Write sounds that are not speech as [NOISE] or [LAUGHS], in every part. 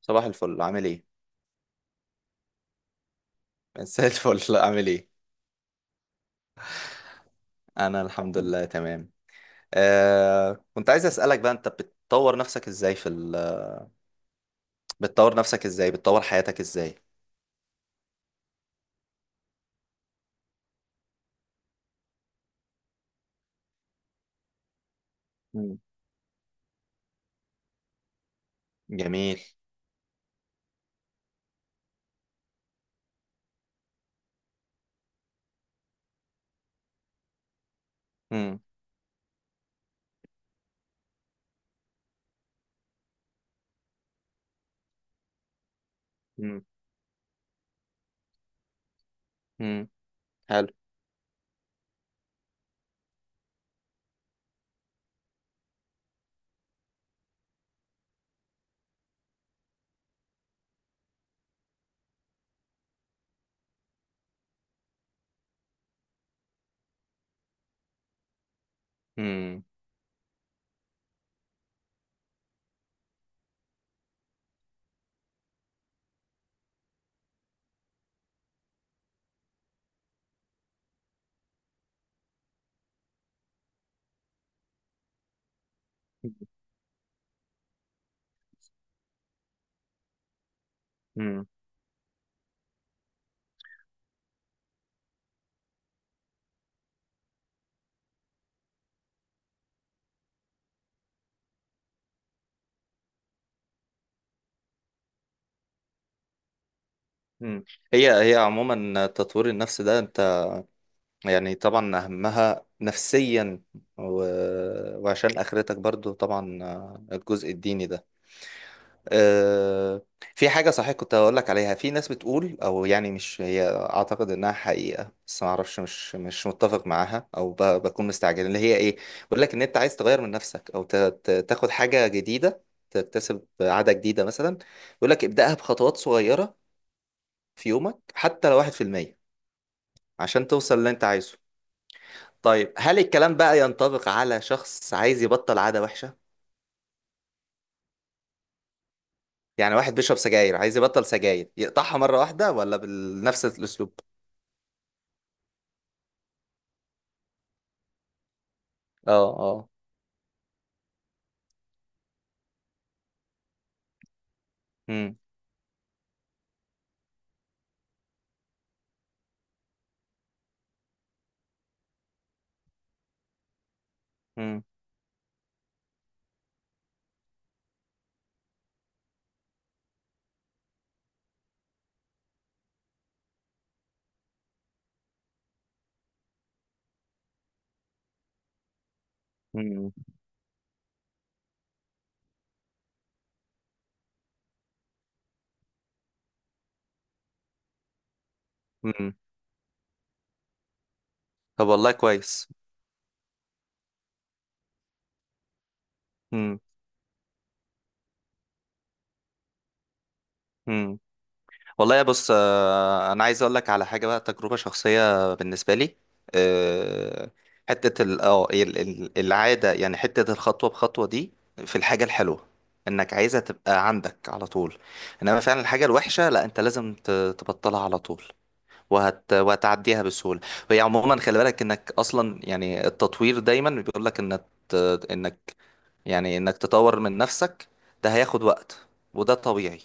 صباح الفل عامل ايه؟ [LAUGHS] مساء الفل عامل ايه؟ انا الحمد لله تمام. كنت عايز اسألك بقى انت بتطور نفسك ازاي [LAUGHS] بتطور نفسك ازاي؟ بتطور حياتك ازاي؟ مم. جميل. مم. مم. مم. حلو. مم. مم. مم. هي عموما تطوير النفس ده انت، يعني طبعا اهمها نفسيا و... وعشان اخرتك برضو طبعا، الجزء الديني ده. آه، في حاجة صحيح كنت هقول لك عليها، في ناس بتقول او يعني مش هي، اعتقد انها حقيقة بس ما اعرفش، مش متفق معاها، او بكون مستعجل، اللي هي ايه؟ بقول لك ان انت عايز تغير من نفسك او تاخد حاجة جديدة، تكتسب عادة جديدة مثلا. بيقول لك ابدأها بخطوات صغيرة في يومك حتى لو 1%، عشان توصل اللي انت عايزه. طيب هل الكلام بقى ينطبق على شخص عايز يبطل عادة وحشة؟ يعني واحد بيشرب سجاير عايز يبطل سجاير، يقطعها مرة واحدة ولا بنفس الاسلوب؟ اه اه. مم. مم. مم. مم. طب والله كويس. مم. مم. والله يا بص، انا عايز اقول لك على حاجه بقى، تجربه شخصيه بالنسبه لي. آه، حته العاده، يعني حته الخطوه بخطوه دي، في الحاجه الحلوه انك عايزها تبقى عندك على طول، انما فعلا الحاجه الوحشه لا، انت لازم تبطلها على طول. وهتعديها بسهوله. وهي عموما خلي بالك انك اصلا، يعني التطوير دايما بيقول لك انك، يعني انك تطور من نفسك ده هياخد وقت، وده طبيعي.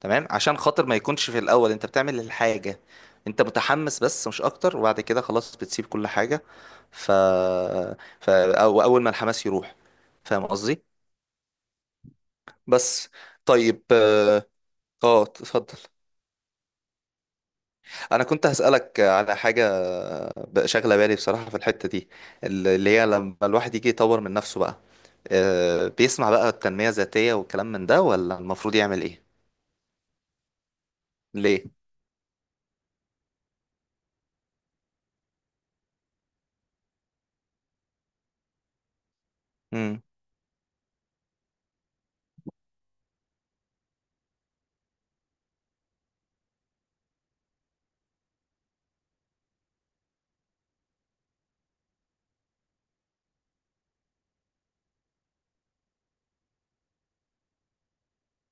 تمام، عشان خاطر ما يكونش في الاول انت بتعمل الحاجة، انت متحمس بس مش اكتر، وبعد كده خلاص بتسيب كل حاجة. ف, او اول ما الحماس يروح. فاهم قصدي؟ بس. طيب اتفضل. انا كنت هسألك على حاجة بقى شاغلة بالي بصراحة في الحتة دي، اللي هي لما الواحد يجي يطور من نفسه بقى، بيسمع بقى التنمية الذاتية والكلام من ده، ولا المفروض يعمل ايه؟ ليه؟ مم.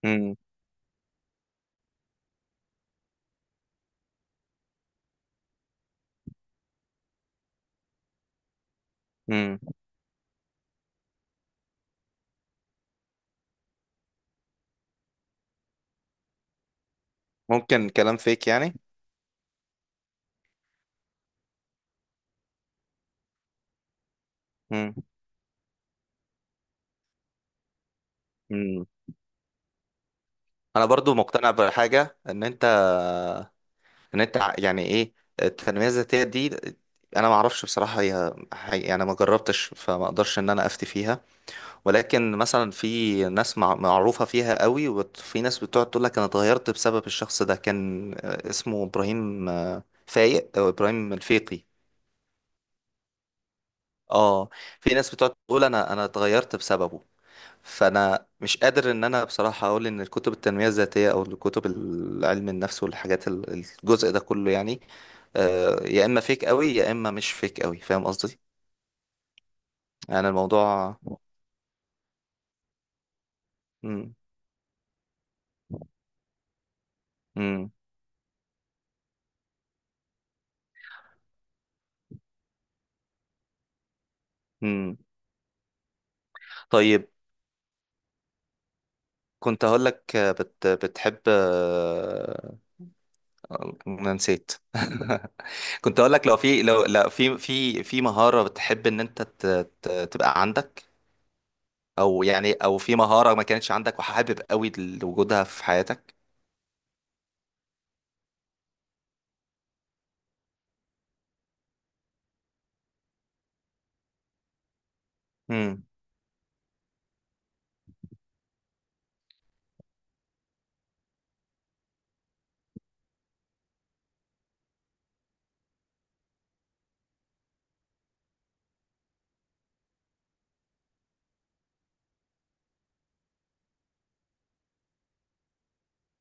مم. مم. ممكن كلام فيك يعني. مم. مم. انا برضو مقتنع بحاجه، ان انت يعني ايه التنميه الذاتيه دي؟ انا ما اعرفش بصراحه، هي يعني ما جربتش، فما اقدرش ان انا افتي فيها. ولكن مثلا في ناس معروفه فيها قوي، وفي ناس بتقعد تقول لك انا اتغيرت بسبب الشخص ده، كان اسمه ابراهيم، فايق، او ابراهيم الفيقي. اه، في ناس بتقعد تقول انا اتغيرت بسببه. فانا مش قادر ان انا بصراحه اقول ان الكتب التنميه الذاتيه او الكتب علم النفس والحاجات، الجزء ده كله يعني، يا اما فيك قوي يا اما مش فيك قوي. فاهم قصدي؟ يعني الموضوع. مم. مم. مم. طيب، كنت هقول لك، بتحب، انا نسيت. [LAUGHS] كنت هقول لك لو في، لو لا، في مهارة بتحب ان انت تبقى عندك، او يعني او في مهارة ما كانتش عندك وحابب قوي لوجودها في حياتك. مم.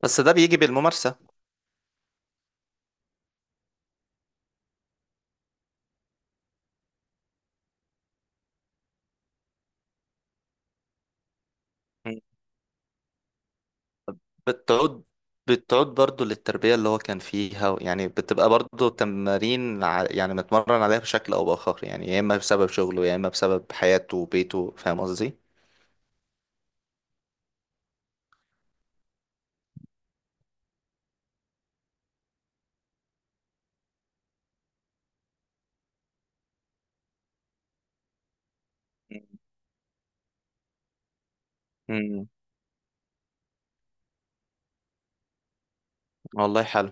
بس ده بيجي بالممارسة. مم. بتعود، برضو للتربية اللي هو كان فيها. يعني بتبقى برضو تمارين، يعني متمرن عليها بشكل أو بآخر، يعني يا إما بسبب شغله يا إما بسبب حياته وبيته. فاهم قصدي؟ مم. والله حلو.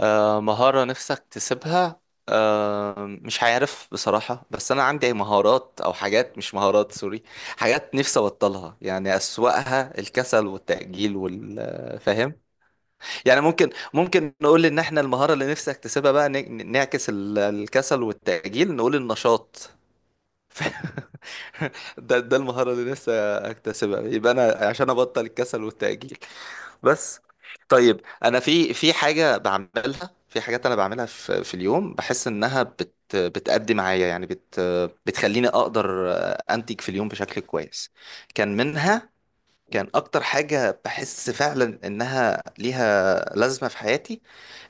مهارة نفسك تسيبها؟ مش عارف بصراحة، بس أنا عندي مهارات، أو حاجات، مش مهارات، سوري، حاجات نفسي أبطلها، يعني أسوأها الكسل والتأجيل والفهم. يعني ممكن نقول ان احنا المهارة اللي نفسي اكتسبها بقى، نعكس الكسل والتأجيل، نقول النشاط. [LAUGHS] ده المهارة اللي نفسي اكتسبها، يبقى انا عشان ابطل الكسل والتأجيل. بس. طيب، انا في حاجة بعملها، في حاجات انا بعملها في اليوم، بحس انها بتأدي معايا، يعني بتخليني اقدر انتج في اليوم بشكل كويس. كان منها، كان اكتر حاجة بحس فعلا انها ليها لازمة في حياتي،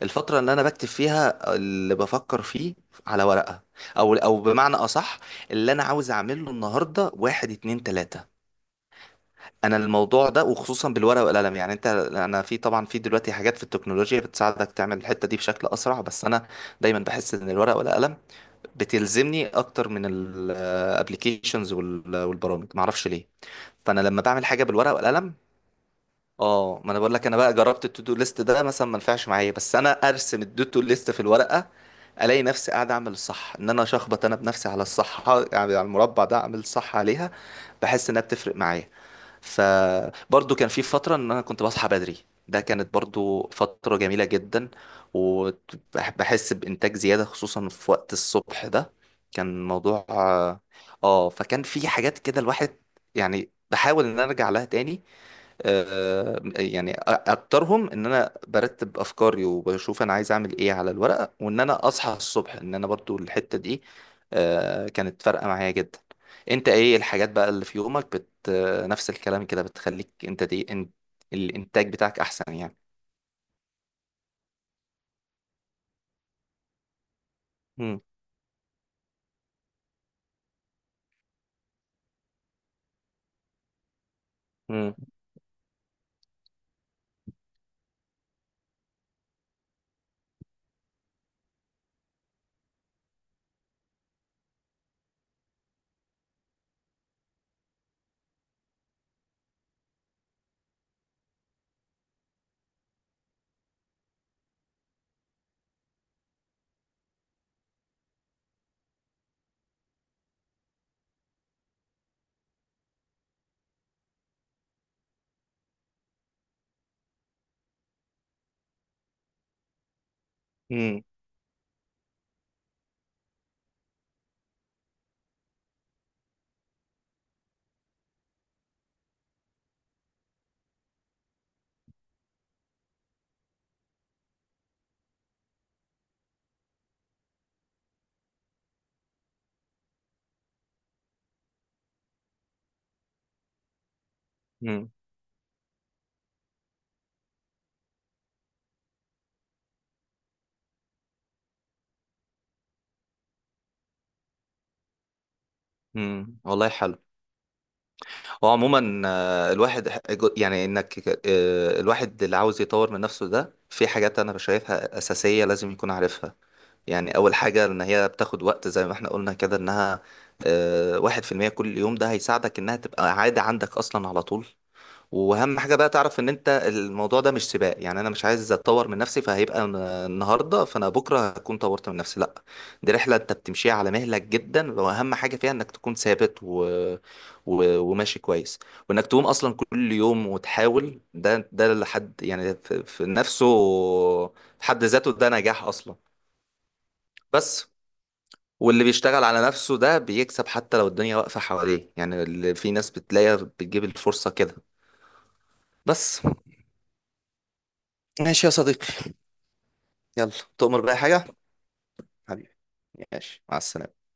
الفترة اللي انا بكتب فيها اللي بفكر فيه على ورقة، او او بمعنى اصح، اللي انا عاوز اعمله النهاردة، واحد اتنين تلاتة. انا الموضوع ده، وخصوصا بالورقة والقلم، يعني انت، انا في طبعا في دلوقتي حاجات في التكنولوجيا بتساعدك تعمل الحتة دي بشكل اسرع، بس انا دايما بحس ان الورقة والقلم بتلزمني اكتر من الابليكيشنز والبرامج، معرفش ليه. فانا لما بعمل حاجه بالورقه والقلم، اه ما انا بقول لك انا بقى جربت التو دو ليست ده مثلا، ما نفعش معايا، بس انا ارسم التو دو ليست في الورقه، الاقي نفسي قاعد اعمل الصح، ان انا اشخبط انا بنفسي على الصح يعني، على المربع ده اعمل الصح عليها. بحس انها بتفرق معايا. فبرضو كان في فتره ان انا كنت بصحى بدري، ده كانت برضو فتره جميله جدا، وبحس بانتاج زياده خصوصا في وقت الصبح ده. كان موضوع، فكان في حاجات كده الواحد، يعني بحاول ان أنا ارجع لها تاني. يعني اكترهم ان انا برتب افكاري وبشوف انا عايز اعمل ايه على الورقه، وان انا اصحى الصبح، ان انا برضو الحته دي، كانت فارقه معايا جدا. انت ايه الحاجات بقى اللي في يومك بت آه، نفس الكلام كده، بتخليك انت دي، انت الانتاج بتاعك احسن يعني؟ مم. مم. مم. مم. مم. والله حلو. هو عموما، يعني انك، الواحد اللي عاوز يطور من نفسه ده، في حاجات انا شايفها اساسيه لازم يكون عارفها. يعني اول حاجه ان هي بتاخد وقت زي ما احنا قلنا كده، انها 1% كل يوم، ده هيساعدك انها تبقى عاده عندك اصلا على طول. واهم حاجه بقى تعرف ان انت الموضوع ده مش سباق، يعني انا مش عايز اتطور من نفسي، فهيبقى النهارده فانا بكره هكون طورت من نفسي، لا، دي رحله انت بتمشيها على مهلك جدا، واهم حاجه فيها انك تكون ثابت وماشي كويس، وانك تقوم اصلا كل يوم وتحاول. ده، لحد يعني في نفسه، في حد ذاته ده نجاح اصلا. بس. واللي بيشتغل على نفسه ده بيكسب حتى لو الدنيا واقفة حواليه، يعني اللي في ناس بتلاقيها بتجيب الفرصة كده. بس. ماشي يا صديقي، يلا، تؤمر بأي حاجة، حبيبي، ماشي مع السلامة.